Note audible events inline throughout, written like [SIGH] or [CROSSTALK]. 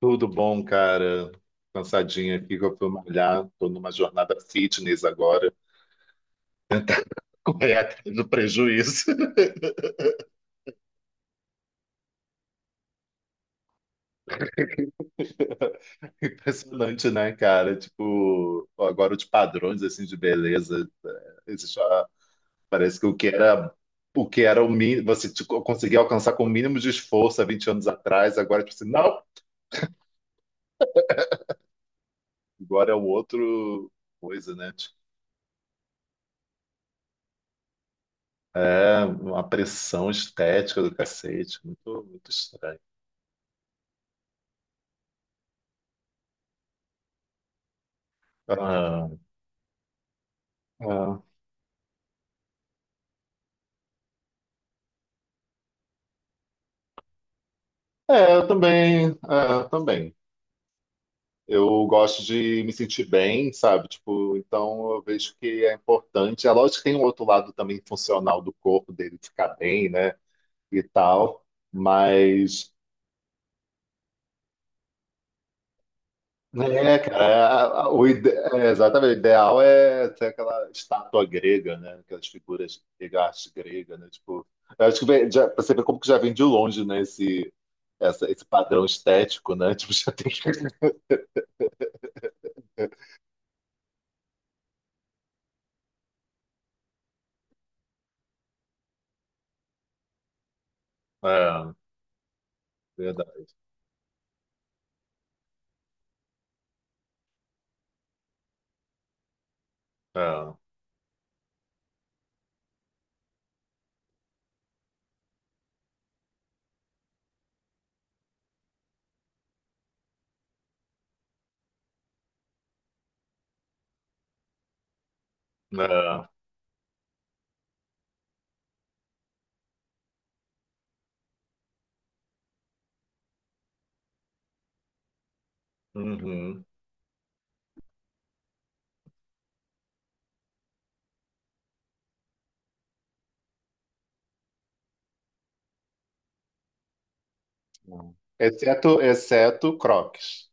Tudo bom, cara? Cansadinha aqui que eu fui malhar. Tô numa jornada fitness agora. [LAUGHS] Correr atrás do prejuízo. [LAUGHS] Impressionante, né, cara? Tipo, agora os padrões assim de beleza, existe uma- parece que o que era o que era o mínimo, você tipo, conseguia alcançar com o mínimo de esforço há 20 anos atrás, agora tipo assim, não, agora é um outro coisa, né? Tipo, é uma pressão estética do cacete, muito muito estranho. Ah, é, eu também, é, eu também. Eu gosto de me sentir bem, sabe? Tipo, então eu vejo que é importante. É lógico que tem um outro lado também funcional do corpo dele ficar bem, né? E tal. Mas, né, cara, é, o ide- é, exatamente, o ideal é ter aquela estátua grega, né? Aquelas figuras de arte grega, né? Tipo, eu acho que vem, já, pra você ver como que já vem de longe, né? Esse, essa- esse padrão estético, né? [LAUGHS] Tipo, já tem que. É, verdade. É. Não. Uhum. Não. Exceto, exceto Crocs.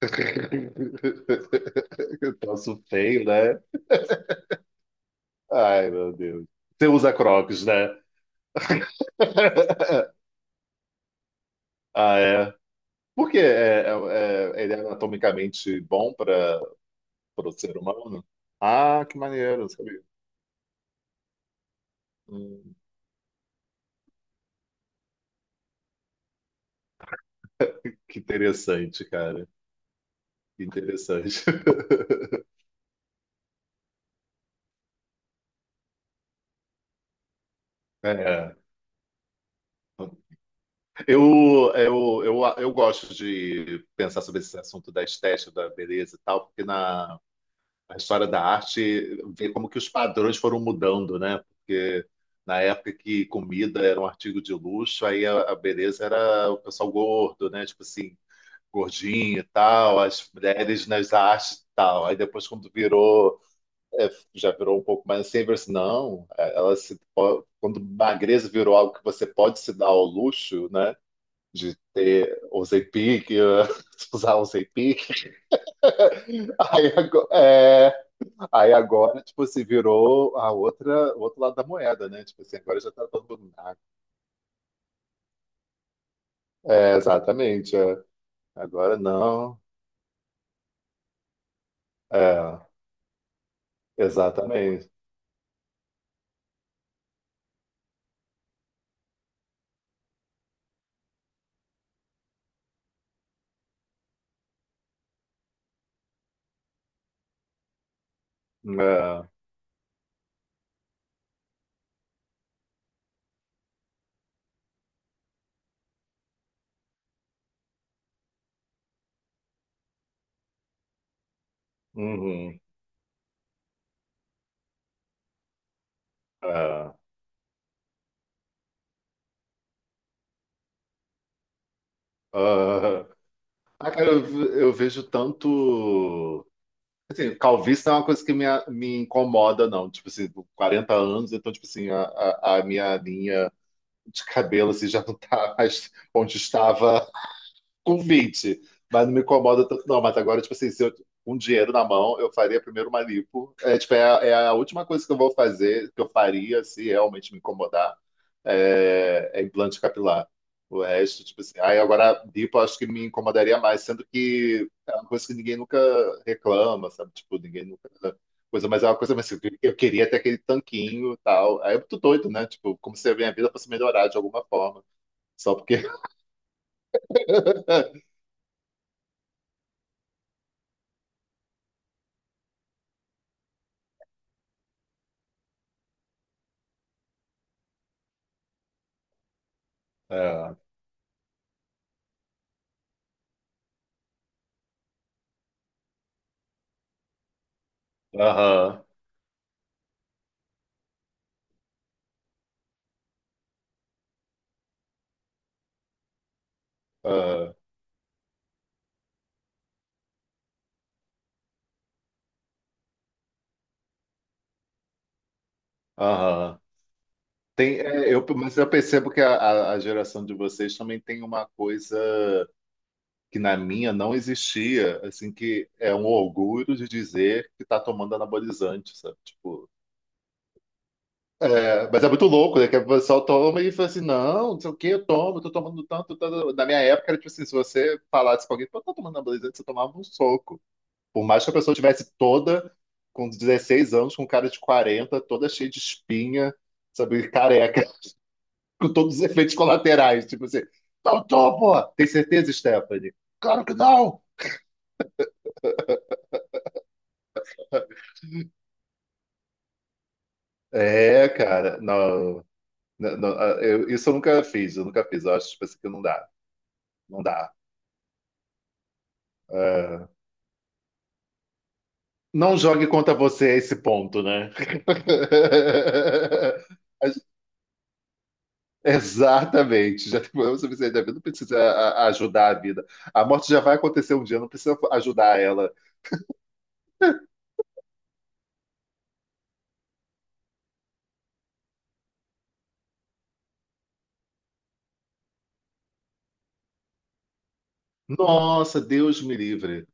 [LAUGHS] Eu troço feio, né? Ai, meu Deus. Você usa Crocs, né? [LAUGHS] Ah, é. Por quê? É, ele é anatomicamente bom para o ser humano? Ah, que maneiro, sabe? Hum, que interessante, cara. Que interessante. [LAUGHS] É. Eu gosto de pensar sobre esse assunto da estética, da beleza e tal, porque na, a história da arte, ver como que os padrões foram mudando, né? Porque na época que comida era um artigo de luxo, aí a beleza era o pessoal gordo, né? Tipo assim, gordinho e tal, as mulheres nas artes e tal. Aí depois quando virou, é, já virou um pouco mais assim, virou assim, não, ela se po- quando magreza virou algo que você pode se dar ao luxo, né? De ter usei pique, [LAUGHS] usar usei pique. [LAUGHS] Aí agora, é, aí agora, tipo, se virou a outra, o outro lado da moeda, né? Tipo assim, agora já tá todo mundo. Ah, é, exatamente. É. Agora não. É, exatamente. É, uhum, é, ah. Ah, cara, eu, ve- eu vejo tanto. Assim, calvície não é uma coisa que me, a- me incomoda, não. Tipo assim, com 40 anos, então, tipo assim, a minha linha de cabelo assim, já não tá mais onde estava convite. Mas não me incomoda tanto, não. Mas agora, tipo assim, se eu com dinheiro na mão, eu faria primeiro uma lipo. É, tipo, é, a- é a última coisa que eu vou fazer, que eu faria se realmente me incomodar, é, é implante capilar. O resto, tipo assim, aí agora lipo eu acho que me incomodaria mais, sendo que é uma coisa que ninguém nunca reclama, sabe? Tipo, ninguém nunca. Coisa, mas é uma coisa, mas assim, eu queria ter aquele tanquinho e tal. Aí eu tô doido, né? Tipo, como se a minha vida fosse melhorar de alguma forma. Só porque. [LAUGHS] É. Aham, aham, aham. Tem, é, eu, mas eu percebo que a, a geração de vocês também tem uma coisa que na minha não existia, assim, que é um orgulho de dizer que está tomando anabolizante, sabe? Tipo, é, mas é muito louco, né? Que o pessoal toma e fala assim, não, não sei o que, eu tomo, eu tô tomando tanto, tanto. Na minha época, era tipo assim, se você falasse com alguém, eu tô tomando anabolizante, você tomava um soco. Por mais que a pessoa tivesse toda com 16 anos, com cara de 40, toda cheia de espinha, sabe, careca, [LAUGHS] com todos os efeitos colaterais. Tipo assim, não tô, pô! Tem certeza, Stephanie? Claro que não! É, cara, não. Não, eu- isso eu nunca fiz, eu nunca fiz. Eu acho tipo assim, que não dá. Não dá. É, não jogue contra você esse ponto, né? [LAUGHS] A exatamente, já tem problema suficiente da vida, não precisa ajudar a vida. A morte já vai acontecer um dia, não precisa ajudar ela. Nossa, Deus me livre.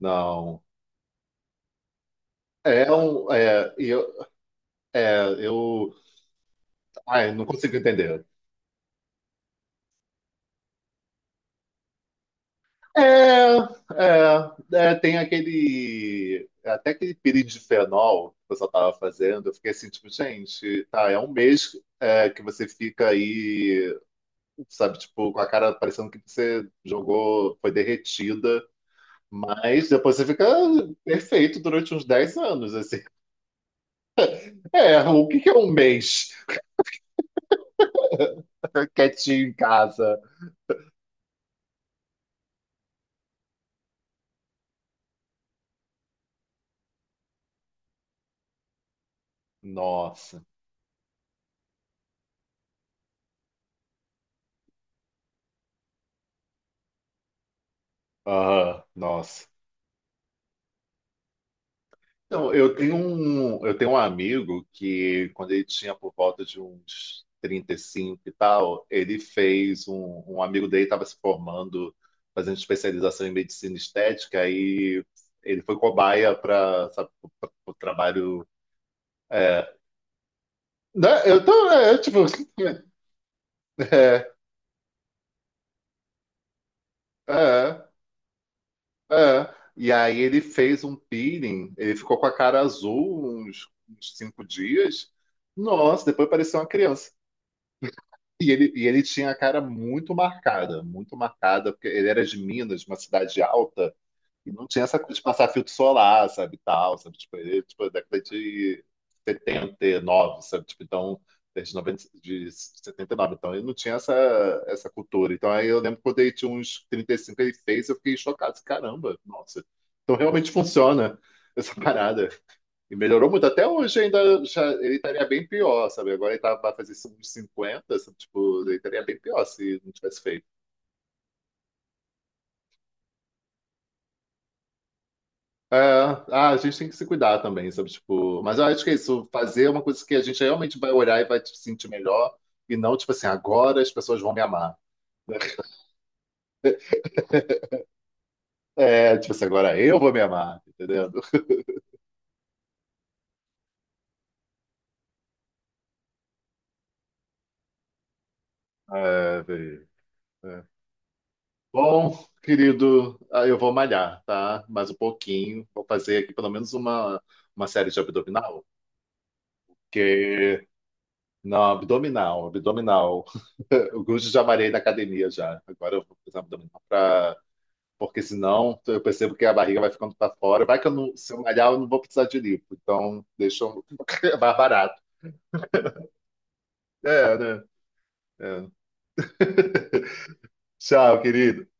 Não. É um. É, eu, é, eu. Ai, não consigo entender. É, é, tem aquele. Até aquele pirindifenol que o pessoal estava fazendo, eu fiquei assim, tipo, gente, tá, é um mês é, que você fica aí, sabe, tipo, com a cara parecendo que você jogou, foi derretida. Mas depois você fica perfeito durante uns 10 anos, assim. É, o que que é um mês quietinho em casa? Nossa. Aham, nossa. Então, eu tenho um amigo que, quando ele tinha por volta de uns 35 e cinco e tal, ele fez um, um amigo dele estava se formando, fazendo especialização em medicina estética, e ele foi cobaia para o trabalho. É, né? Eu tô, é, tipo, [LAUGHS] é, é. E aí ele fez um peeling, ele ficou com a cara azul uns, uns 5 dias. Nossa, depois parecia uma criança. E ele tinha a cara muito marcada, porque ele era de Minas, uma cidade alta. E não tinha essa coisa de passar filtro solar, sabe, tal, sabe, tipo, ele, tipo, década de 79, sabe, tipo, então, desde 90 de 79 então, ele não tinha essa, essa cultura. Então, aí eu lembro quando ele tinha uns 35 ele fez, eu fiquei chocado, assim, caramba, nossa, então realmente funciona essa parada. E melhorou muito, até hoje ainda, já, ele estaria bem pior, sabe, agora ele tá, vai fazer uns 50 sabe, tipo, ele estaria bem pior se não tivesse feito. É, ah, a gente tem que se cuidar também, sabe? Tipo, mas eu acho que é isso, fazer uma coisa que a gente realmente vai olhar e vai se sentir melhor, e não, tipo assim, agora as pessoas vão me amar. É, tipo assim, agora eu vou me amar, entendeu? É, velho, é. Bom, querido, ah, eu vou malhar, tá? Mais um pouquinho. Vou fazer aqui pelo menos uma série de abdominal. Que. Não, abdominal, abdominal. [LAUGHS] O Gujo já malhei na academia já. Agora eu vou fazer abdominal pra porque senão eu percebo que a barriga vai ficando para fora. Vai que eu não, se eu malhar, eu não vou precisar de lipo. Então, deixa eu [LAUGHS] é mais barato. É, né? É. Tchau, querido.